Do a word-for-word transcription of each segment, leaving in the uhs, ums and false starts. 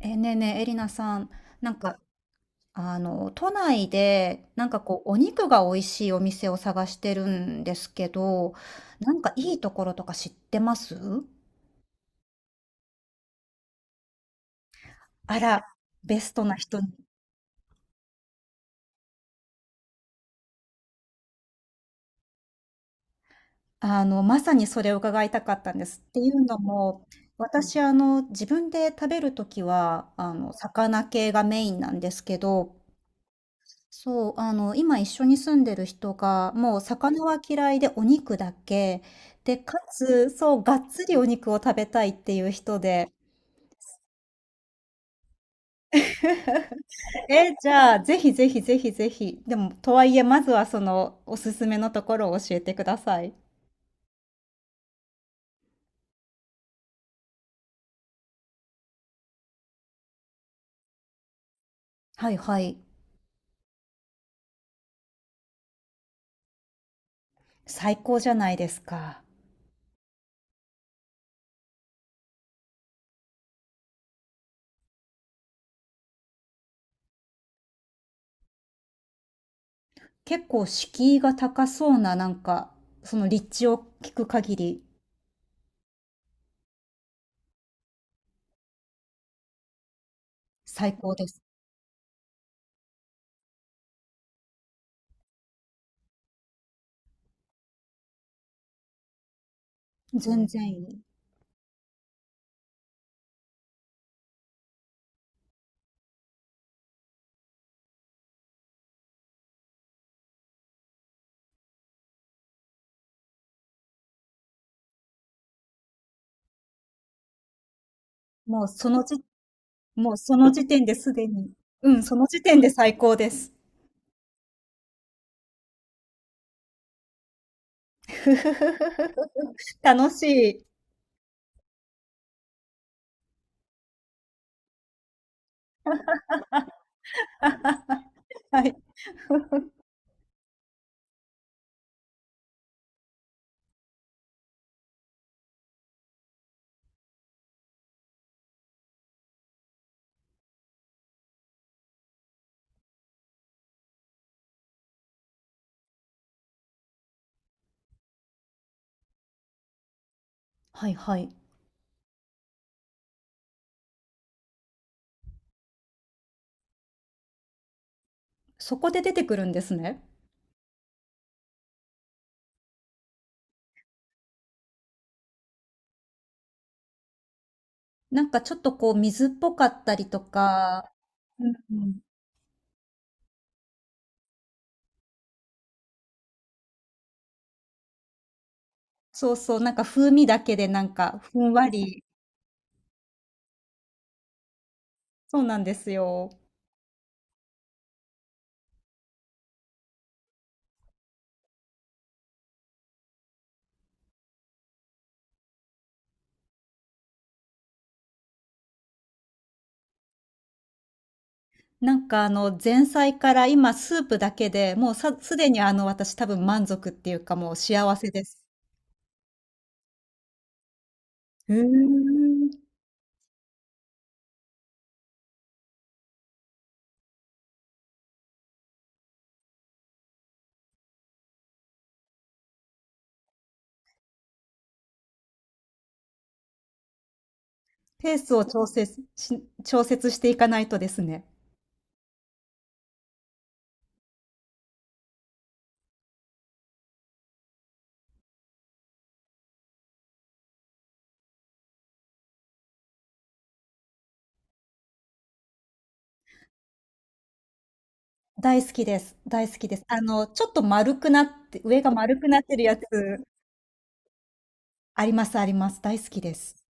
えーねえねえ、エリナさん、なんか、あの、都内で、なんかこう、お肉が美味しいお店を探してるんですけど、なんかいいところとか知ってますあら、ベストな人に。あの、まさにそれを伺いたかったんです。っていうのも、私、あの、自分で食べるときは、あの、魚系がメインなんですけど、そう、あの、今一緒に住んでる人が、もう魚は嫌いでお肉だけ、で、かつ、そう、がっつりお肉を食べたいっていう人で、え、じゃあ、ぜひぜひぜひぜひ、でも、とはいえ、まずはその、おすすめのところを教えてください。はいはい。最高じゃないですか。結構敷居が高そうな、なんか、その立地を聞く限り、最高です。全然いい。もうその時もうその時点ですでに、うん、その時点で最高です。楽しい。はい。はいはい。そこで出てくるんですね。なんかちょっとこう水っぽかったりとか、うんうん。そうそう、なんか風味だけでなんかふんわり、そうなんですよ。なんかあの前菜から今スープだけで、もうさすでにあの私多分満足っていうかもう幸せです。へん。ペースを調節し調節していかないとですね。大好きです。大好きです。あの、ちょっと丸くなって、上が丸くなってるやつ、ありますあります。大好きです。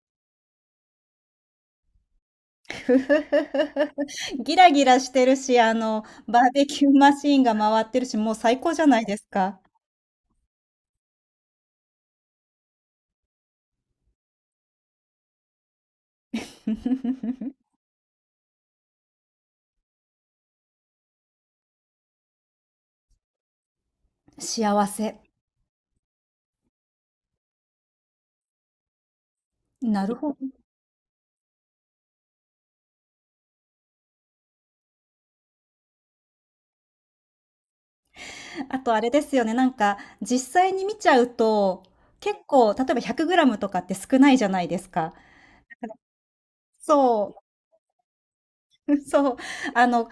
ギラギラしてるし、あの、バーベキューマシーンが回ってるし、もう最高じゃないですか。幸せ。なるほど。あとあれですよね、なんか、実際に見ちゃうと、結構、例えばひゃくグラムとかって少ないじゃないですか。そう、そう。あの、考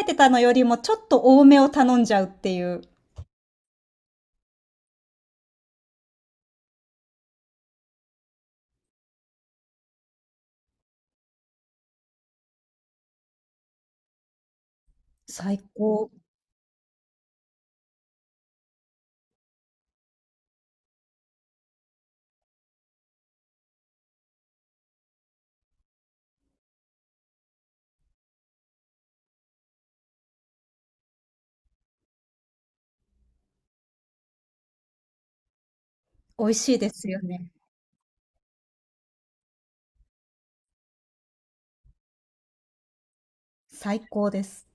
えてたのよりもちょっと多めを頼んじゃうっていう。最高。美味しいですよね。最高です。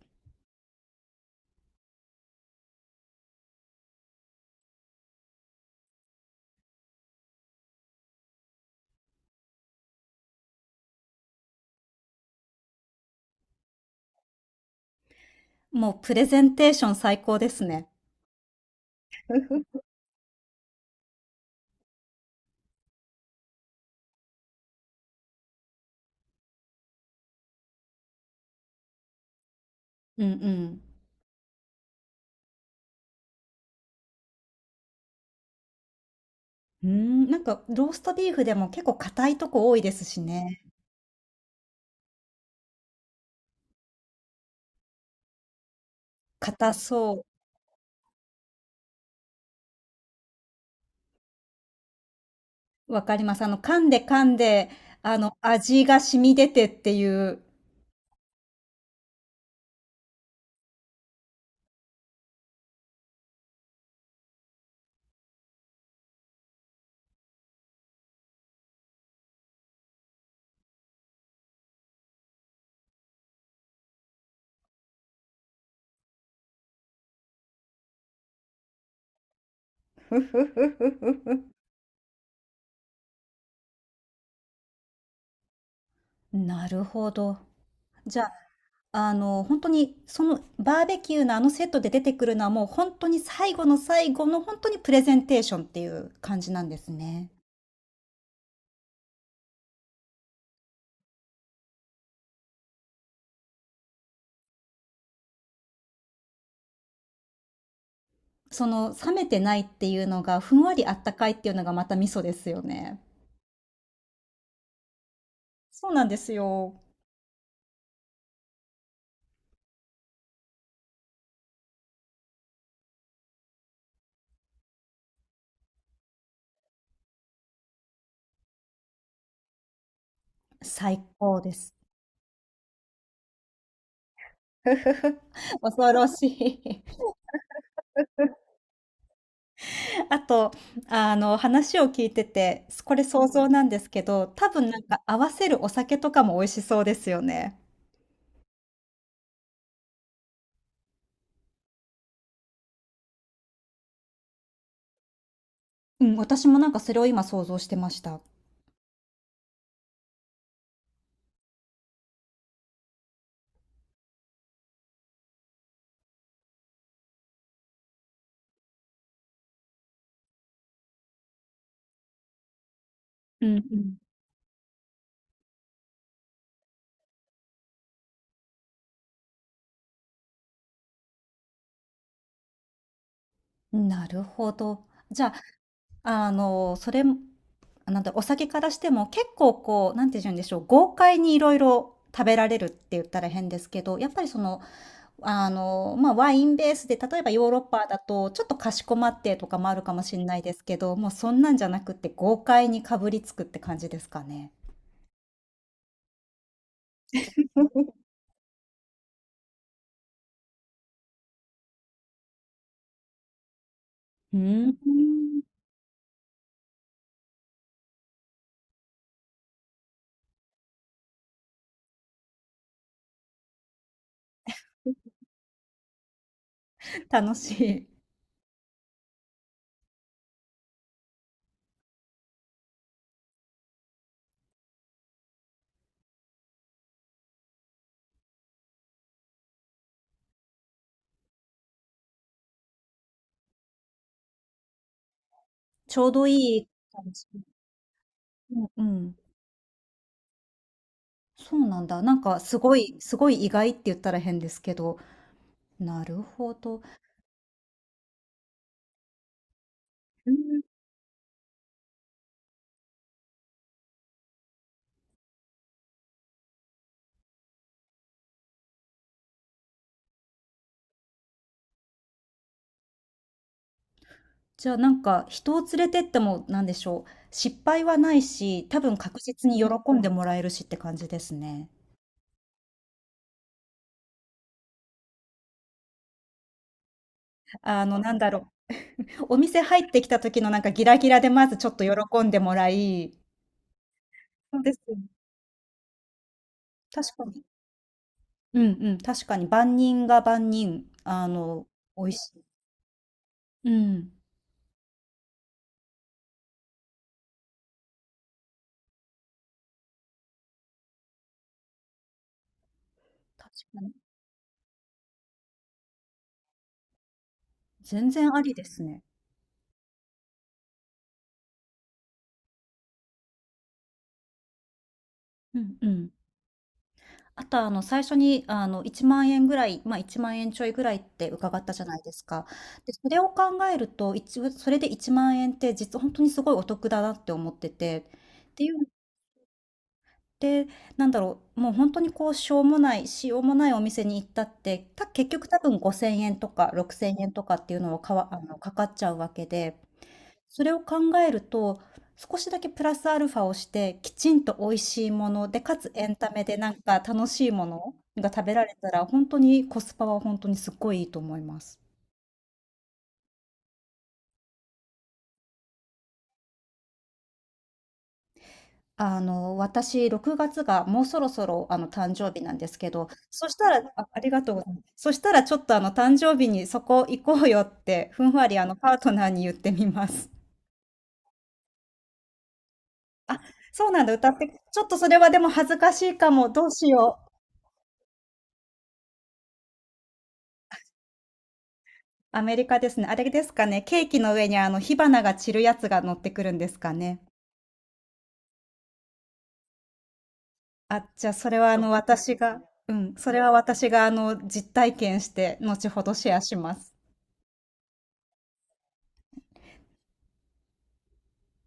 もうプレゼンテーション最高ですね。うんうん。うーん、なんかローストビーフでも結構硬いとこ多いですしね。硬そう。わかります。あの、噛んで噛んで、あの、味が染み出てっていう。ふふふふふふ。なるほど。じゃあ、あの、本当に、そのバーベキューのあのセットで出てくるのはもう本当に最後の最後の本当にプレゼンテーションっていう感じなんですね。その冷めてないっていうのがふんわりあったかいっていうのがまた味噌ですよね。そうなんですよ。最高です。恐ろしい。あと、あの、話を聞いてて、これ想像なんですけど、多分なんか合わせるお酒とかも美味しそうですよね。うん、私もなんかそれを今想像してました。うんうん。なるほど。じゃあ、あの、それもなんだ、お酒からしても、結構こう、なんて言うんでしょう、豪快にいろいろ食べられるって言ったら変ですけど、やっぱりその、あの、まあ、ワインベースで、例えばヨーロッパだと、ちょっとかしこまってとかもあるかもしれないですけど、もうそんなんじゃなくて、豪快にかぶりつくって感じですかね。うーん。楽しい。ちょうどいい感じ。うんうん。そうなんだ。なんかすごいすごい意外って言ったら変ですけど、なるほど。うん、じゃあ、なんか、人を連れてっても、なんでしょう、失敗はないし、多分確実に喜んでもらえるしって感じですね。あの、なんだろう、お店入ってきた時のなんかギラギラでまずちょっと喜んでもらいそうですね。確かに。うんうん、確かに万人が万人、あの、美味しい。うん、確かに。全然ありですね。うんうん。あと、あの、最初に、あの、いちまん円ぐらい、まあ、いちまん円ちょいぐらいって伺ったじゃないですか。で、それを考えると、一応それでいちまん円って実は本当にすごいお得だなって思ってて。っていうのって、なんだろう、もう本当にこう、しょうもないしようもないお店に行ったって、た結局多分ごせんえんとかろくせんえんとかっていうのをかわあの、かかっちゃうわけでそれを考えると、少しだけプラスアルファをして、きちんと美味しいもので、かつエンタメでなんか楽しいものが食べられたら、本当にコスパは本当にすっごいいいと思います。あの、私6月がつがもうそろそろ、あの、誕生日なんですけど、そしたらあ、ありがとうございます。そしたらちょっと、あの、誕生日にそこ行こうよって、ふんわり、あの、パートナーに言ってみます。そうなんだ、歌ってちょっとそれはでも恥ずかしいかも、どうしよう。アメリカですね。あれですかね、ケーキの上にあの火花が散るやつが乗ってくるんですかね。あ、じゃあそれはあの私が、うん、それは私があの実体験して後ほどシェアします。